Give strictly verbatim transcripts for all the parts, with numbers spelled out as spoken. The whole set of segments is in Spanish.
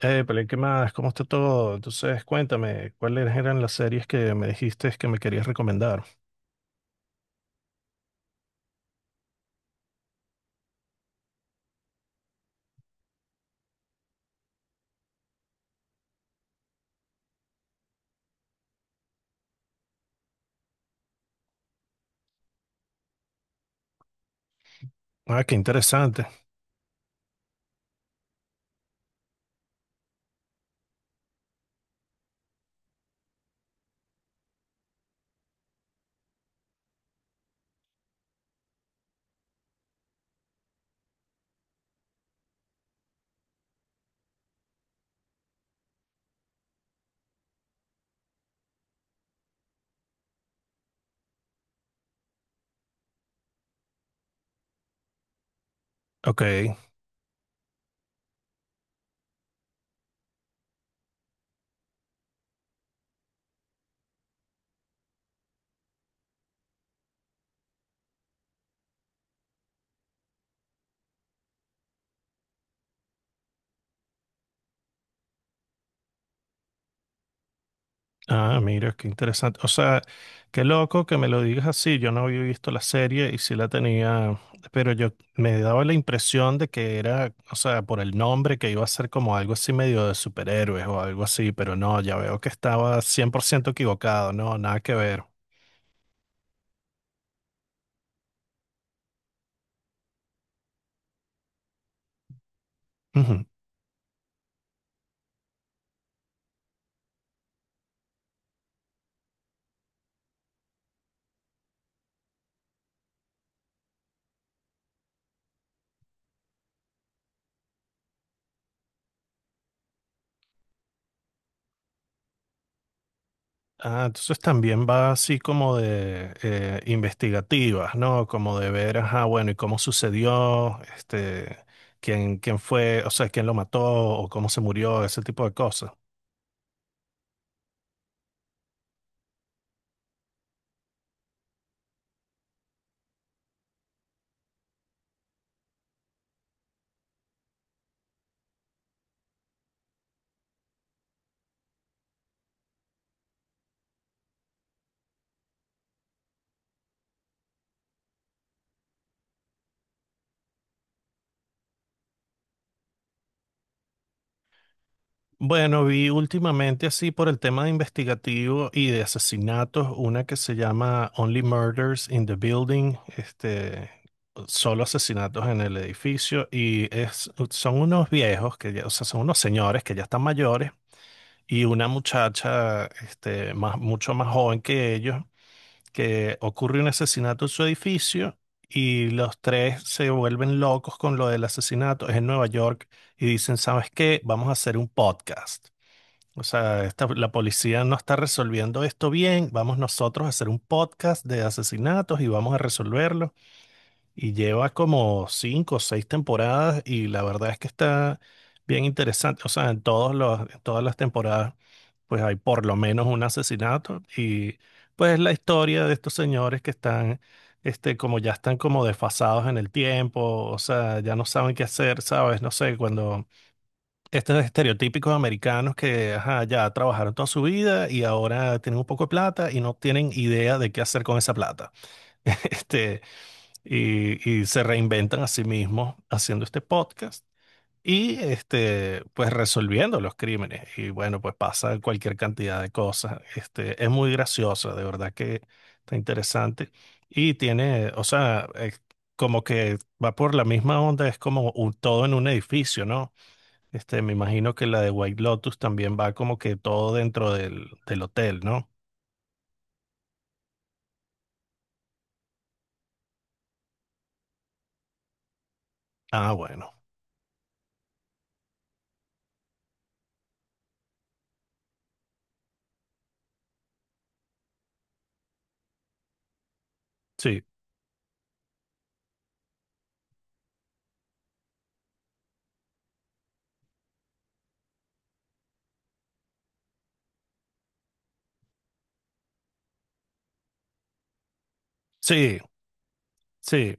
Eh, pero ¿qué más? ¿Cómo está todo? Entonces, cuéntame, ¿cuáles eran las series que me dijiste que me querías recomendar? Ah, qué interesante. Ok. Ah, mira, qué interesante. O sea, qué loco que me lo digas así. Yo no había visto la serie y sí la tenía, pero yo me daba la impresión de que era, o sea, por el nombre que iba a ser como algo así medio de superhéroes o algo así, pero no, ya veo que estaba cien por ciento equivocado, no, nada que ver. Ujú. Ah, entonces también va así como de eh, investigativas, ¿no? Como de ver, ajá, bueno, y cómo sucedió, este, quién, quién fue, o sea, quién lo mató o cómo se murió, ese tipo de cosas. Bueno, vi últimamente así por el tema de investigativo y de asesinatos, una que se llama Only Murders in the Building, este, solo asesinatos en el edificio, y es, son unos viejos, que ya- o sea, son unos señores que ya están mayores, y una muchacha, este, más, mucho más joven que ellos, que ocurre un asesinato en su edificio, y los tres se vuelven locos con lo del asesinato, es en Nueva York, y dicen, ¿sabes qué? Vamos a hacer un podcast. O sea, esta- la policía no está resolviendo esto bien. Vamos nosotros a hacer un podcast de asesinatos y vamos a resolverlo. Y lleva como cinco o seis temporadas y la verdad es que está bien interesante. O sea, en todos los, en todas las temporadas, pues hay por lo menos un asesinato y pues la historia de estos señores que están, este, como ya están como desfasados en el tiempo. O sea, ya no saben qué hacer, ¿sabes? No sé, cuando estos estereotípicos americanos que ajá, ya trabajaron toda su vida y ahora tienen un poco de plata y no tienen idea de qué hacer con esa plata. Este, y, y se reinventan a sí mismos haciendo este podcast y este, pues resolviendo los crímenes. Y bueno, pues pasa cualquier cantidad de cosas. Este, es muy graciosa, de verdad que está interesante. Y tiene, o sea, es como que va por la misma onda, es como un, todo en un edificio, ¿no? Este, me imagino que la de White Lotus también va como que todo dentro del, del hotel, ¿no? Ah, bueno. Sí, sí, sí,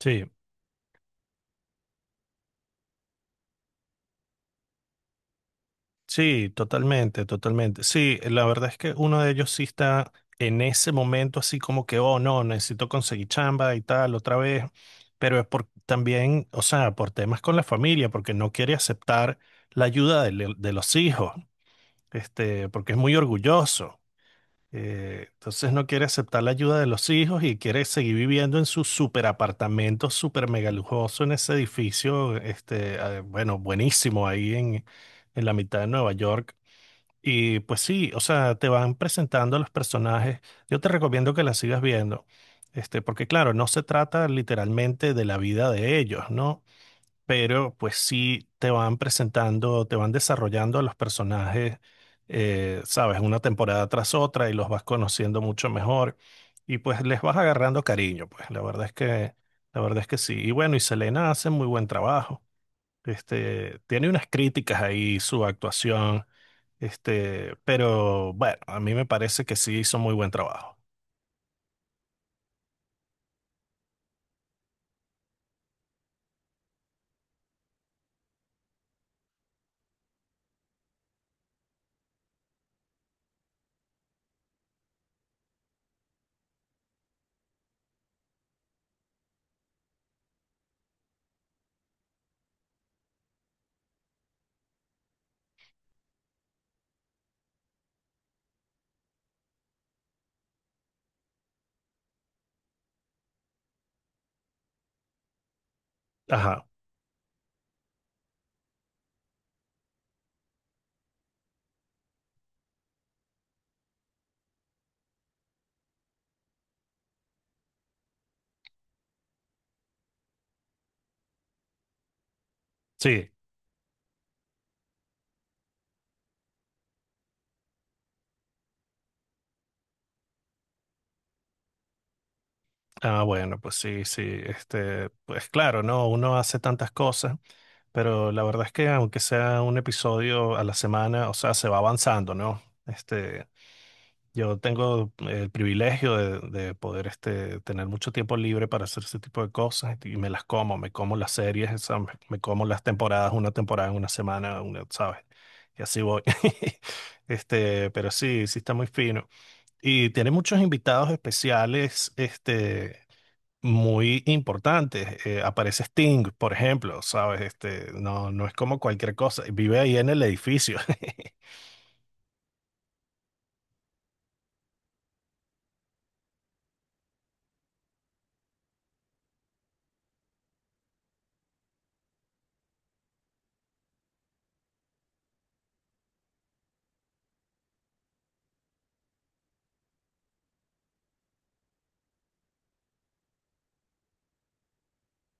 sí, sí, totalmente, totalmente. Sí, la verdad es que uno de ellos sí está en ese momento así como que, oh, no, necesito conseguir chamba y tal otra vez, pero es por también, o sea, por temas con la familia, porque no quiere aceptar la ayuda de, le- de los hijos, este, porque es muy orgulloso. Eh, entonces no quiere aceptar la ayuda de los hijos y quiere seguir viviendo en su super apartamento super mega lujoso en ese edificio, este, eh, bueno, buenísimo ahí en, en la mitad de Nueva York. Y pues sí, o sea, te van presentando a los personajes. Yo te recomiendo que la sigas viendo, este, porque claro, no se trata literalmente de la vida de ellos, ¿no? Pero pues sí te van presentando, te van desarrollando a los personajes, eh, sabes, una temporada tras otra y los vas conociendo mucho mejor y pues les vas agarrando cariño, pues la verdad es que, la verdad es que sí. Y bueno, y Selena hace muy buen trabajo, este, tiene unas críticas ahí su actuación, este, pero bueno, a mí me parece que sí hizo muy buen trabajo. Ajá, sí. Ah, bueno, pues sí, sí, este, pues claro, ¿no? Uno hace tantas cosas. Pero la verdad es que aunque sea un episodio a la semana, o sea, se va avanzando, ¿no? Este, yo tengo el privilegio de, de poder este, tener mucho tiempo libre para hacer ese tipo de cosas y me las como, me como las series, o sea, me, me como las temporadas, una temporada en una semana, una, ¿sabes? Y así voy. Este, pero sí, sí está muy fino. Y tiene muchos invitados especiales, este, muy importantes. Eh, aparece Sting, por ejemplo, ¿sabes? Este, no, no es como cualquier cosa. Vive ahí en el edificio.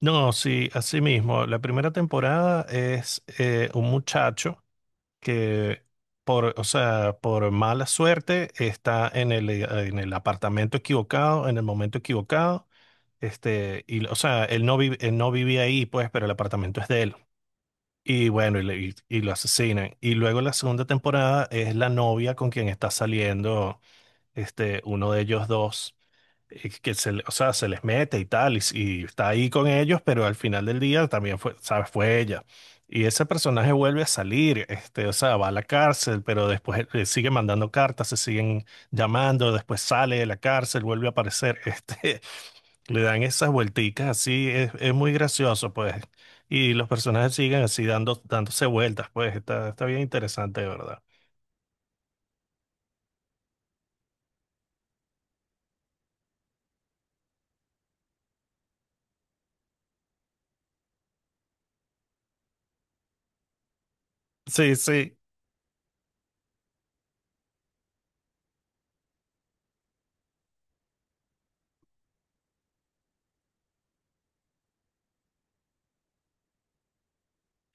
No, sí, así mismo. La primera temporada es eh, un muchacho. Que por, o sea, por mala suerte está en el, eh, en el apartamento equivocado, en el momento equivocado. Este, y, o sea, él no, vive- él no vivía ahí, pues, pero el apartamento es de él. Y bueno, y, le- y- y lo asesinan. Y luego la segunda temporada es la novia con quien está saliendo, este, uno de ellos dos eh, que se, le- o sea, se les mete y tal, y, y está ahí con ellos, pero al final del día también fue, ¿sabes? Fue ella. Y ese personaje vuelve a salir, este, o sea, va a la cárcel, pero después le sigue mandando cartas, se siguen llamando, después sale de la cárcel, vuelve a aparecer, este, le dan esas vuelticas así, es, es muy gracioso, pues. Y los personajes siguen así dando, dándose vueltas, pues, está, está bien interesante, ¿de verdad? Sí, sí.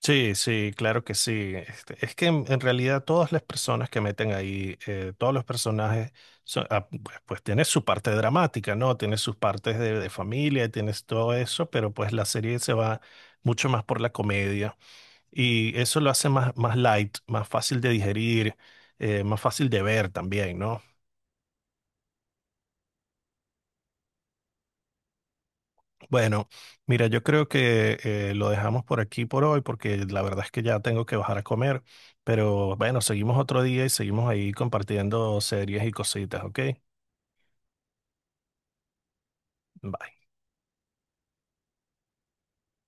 Sí, sí, claro que sí. Este, es que en, en realidad todas las personas que meten ahí, eh, todos los personajes, son- ah, pues, pues tiene su parte dramática, ¿no? Tiene sus partes de, de familia, tienes todo eso, pero pues la serie se va mucho más por la comedia y eso lo hace más, más light, más fácil de digerir, eh, más fácil de ver también, ¿no? Bueno, mira, yo creo que eh, lo dejamos por aquí por hoy porque la verdad es que ya tengo que bajar a comer, pero bueno, seguimos otro día y seguimos ahí compartiendo series y cositas, ¿ok? Bye.